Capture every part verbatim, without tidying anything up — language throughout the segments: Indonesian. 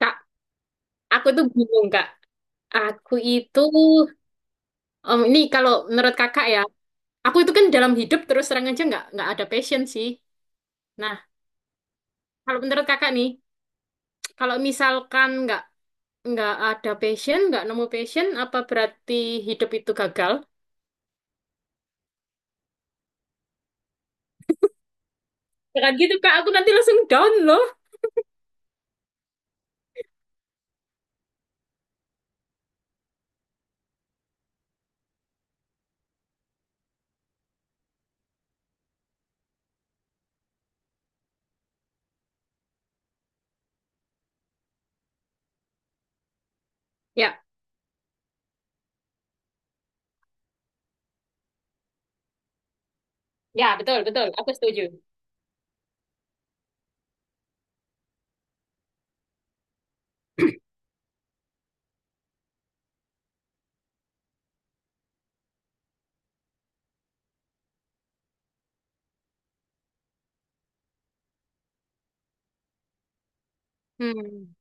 Kak, aku tuh bingung, Kak. Aku itu, em, ini kalau menurut kakak ya, aku itu kan dalam hidup terus terang aja nggak nggak ada passion sih. Nah, kalau menurut kakak nih, kalau misalkan nggak nggak ada passion, nggak nemu passion, apa berarti hidup itu gagal? Jangan gitu, Kak. Aku nanti langsung down loh. Ya, ya betul betul. Aku setuju. Hmm.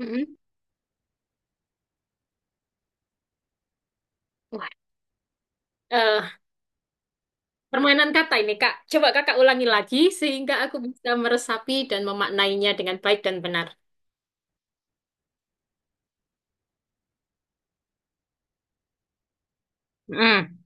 Mm-mm. Wah, eh, permainan kata ini, Kak. Coba kakak ulangi lagi sehingga aku bisa meresapi dan memaknainya dengan baik dan benar. Mm.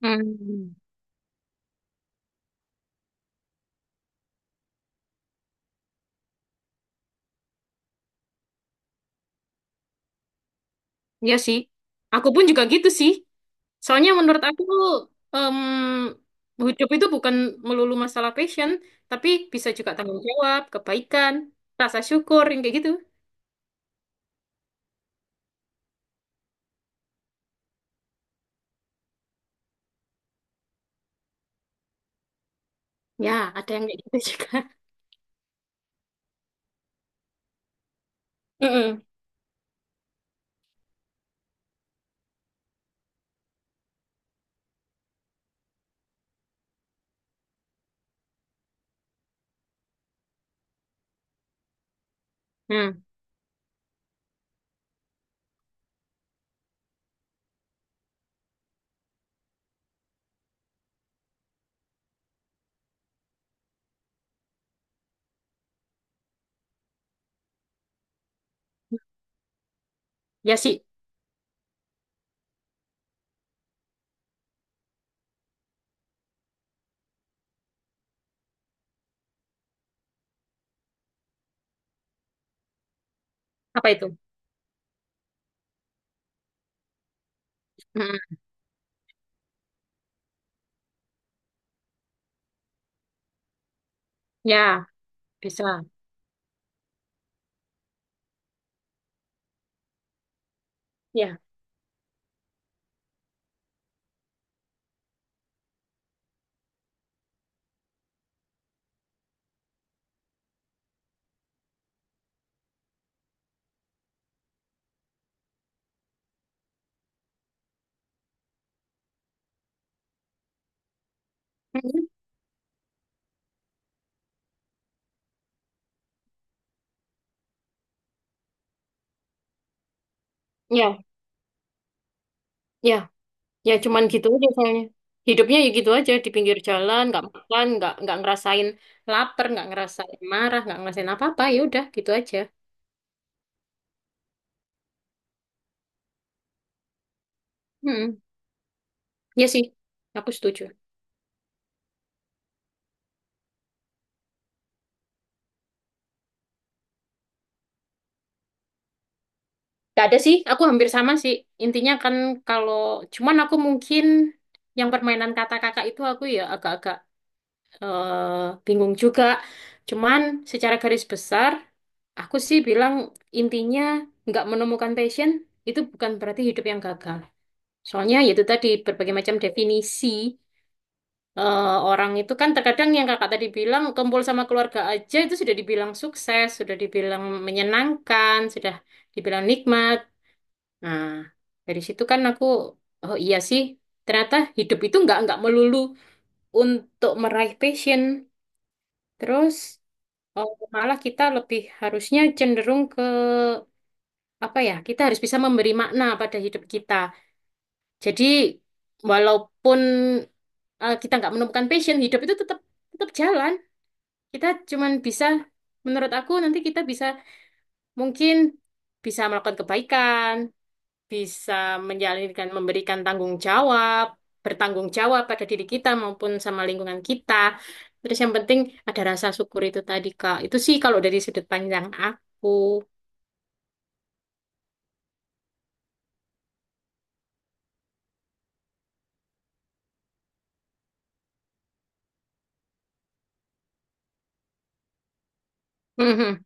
Hmm, iya sih. Aku pun juga gitu sih. Soalnya menurut aku em, hidup itu bukan melulu masalah passion, tapi bisa juga tanggung jawab, kebaikan, rasa syukur yang kayak gitu. Ya, ada yang kayak gitu juga. Mm-mm. Hmm, ya sih. Apa itu? Mm-mm. Ya, bisa. Ya. Mm-mm. Ya, ya, ya. Cuman gitu aja soalnya. Hidupnya ya gitu aja di pinggir jalan, nggak makan, nggak nggak ngerasain lapar, nggak ngerasain marah, nggak ngerasain apa-apa. Ya udah, gitu aja. Mm-mm. Iya sih, aku setuju. Gak ada sih, aku hampir sama sih. Intinya kan kalau, cuman aku mungkin yang permainan kata kakak itu aku ya agak-agak eh, bingung juga. Cuman secara garis besar, aku sih bilang intinya nggak menemukan passion itu bukan berarti hidup yang gagal. Soalnya yaitu tadi berbagai macam definisi eh, orang itu kan terkadang yang kakak tadi bilang kumpul sama keluarga aja itu sudah dibilang sukses, sudah dibilang menyenangkan, sudah dibilang nikmat. Nah, dari situ kan aku, oh iya sih, ternyata hidup itu nggak nggak melulu untuk meraih passion. Terus oh, malah kita lebih harusnya cenderung ke apa ya? Kita harus bisa memberi makna pada hidup kita. Jadi walaupun eh, kita nggak menemukan passion, hidup itu tetap tetap jalan. Kita cuman bisa, menurut aku nanti kita bisa mungkin bisa melakukan kebaikan, bisa menjalankan, memberikan tanggung jawab, bertanggung jawab pada diri kita maupun sama lingkungan kita. Terus yang penting ada rasa syukur itu tadi, Kak. Itu sih kalau dari sudut pandang aku. Mhm,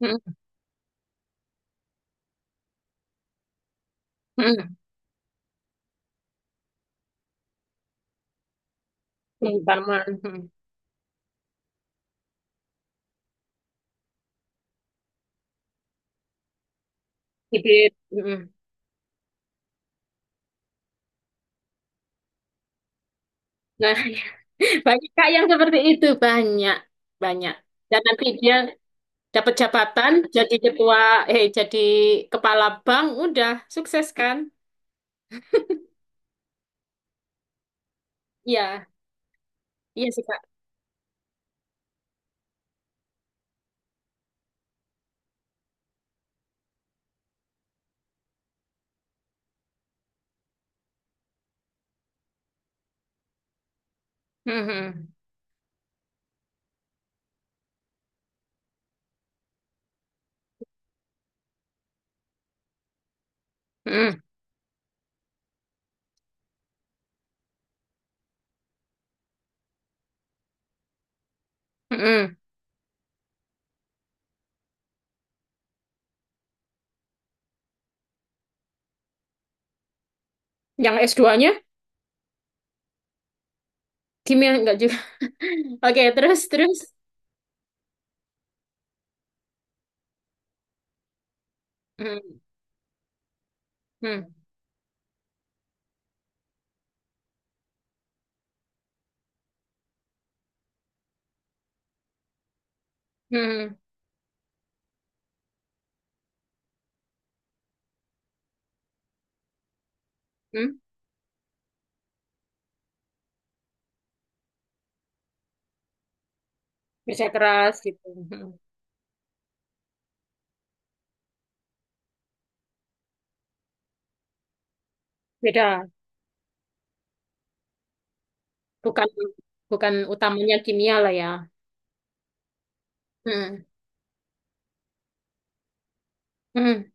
mhm, mhm. Yang mhm. Bibit, mhm. Nah, banyak Kak yang seperti itu, banyak, banyak. Dan nanti dia dapat jabatan, jadi ketua, eh jadi kepala bank, udah sukses kan? Iya, iya sih Kak. Mhm. Mhm. Mhm. Yang S dua nya kimia enggak juga. Oke, terus terus. Mhm. Mhm. Mhm. Mhm. Kerja keras gitu. Mhm. Beda, bukan bukan utamanya kimia lah ya. Mhm. Mhm.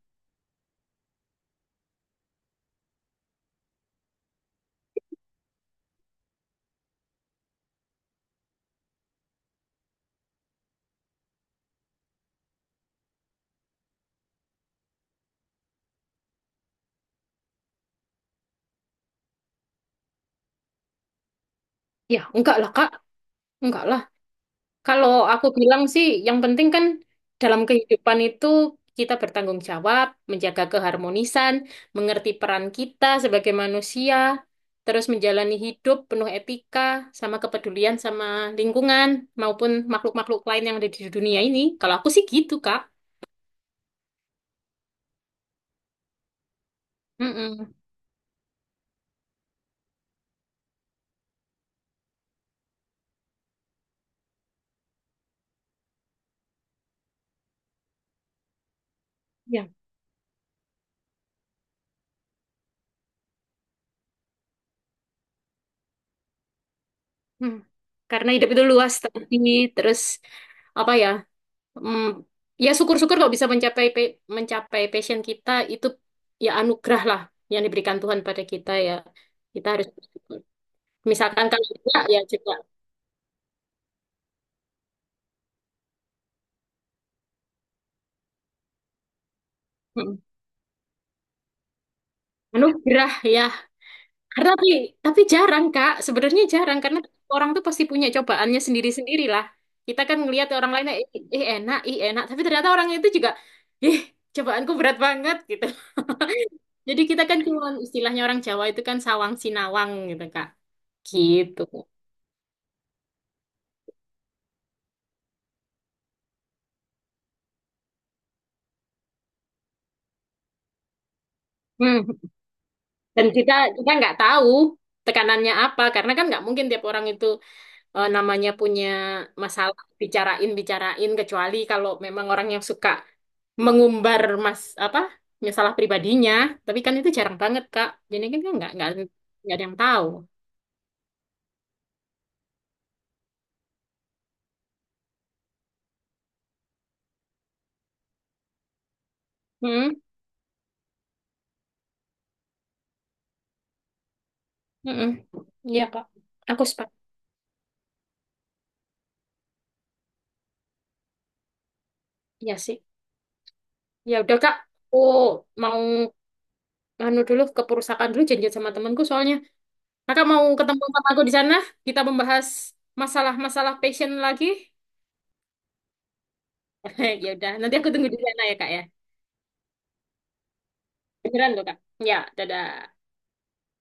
Ya, enggak lah Kak. Enggak lah. Kalau aku bilang sih, yang penting kan dalam kehidupan itu kita bertanggung jawab, menjaga keharmonisan, mengerti peran kita sebagai manusia, terus menjalani hidup penuh etika, sama kepedulian sama lingkungan maupun makhluk-makhluk lain yang ada di dunia ini. Kalau aku sih gitu, Kak. Mm-mm. Ya. Hmm. Karena hidup itu luas tadi, terus apa ya? Hmm, ya syukur-syukur kalau bisa mencapai pe- mencapai passion kita itu ya anugerah lah yang diberikan Tuhan pada kita ya. Kita harus bersyukur. Misalkan kalau enggak ya juga mm, anugerah ya. Karena tapi tapi jarang Kak, sebenarnya jarang karena orang tuh pasti punya cobaannya sendiri-sendiri lah. Kita kan ngelihat orang lain eh, eh, enak, ih enak, tapi ternyata orang itu juga ih cobaanku berat banget gitu. Jadi kita kan cuma istilahnya orang Jawa itu kan sawang sinawang gitu Kak. Gitu. Hmm. Dan kita kita nggak tahu tekanannya apa karena kan nggak mungkin tiap orang itu eh, namanya punya masalah bicarain bicarain kecuali kalau memang orang yang suka mengumbar mas apa masalah pribadinya. Tapi kan itu jarang banget Kak. Jadi kan kan nggak nggak nggak ada yang tahu. Hmm, hmm, iya Kak. Aku sepak Iya sih. Ya udah Kak. Oh mau anu dulu ke perusahaan dulu janjian sama temanku soalnya. Kakak mau ketemu sama aku di sana? Kita membahas masalah-masalah passion lagi. Ya udah, nanti aku tunggu di sana ya, Kak ya. Beneran loh, Kak. Ya, dadah.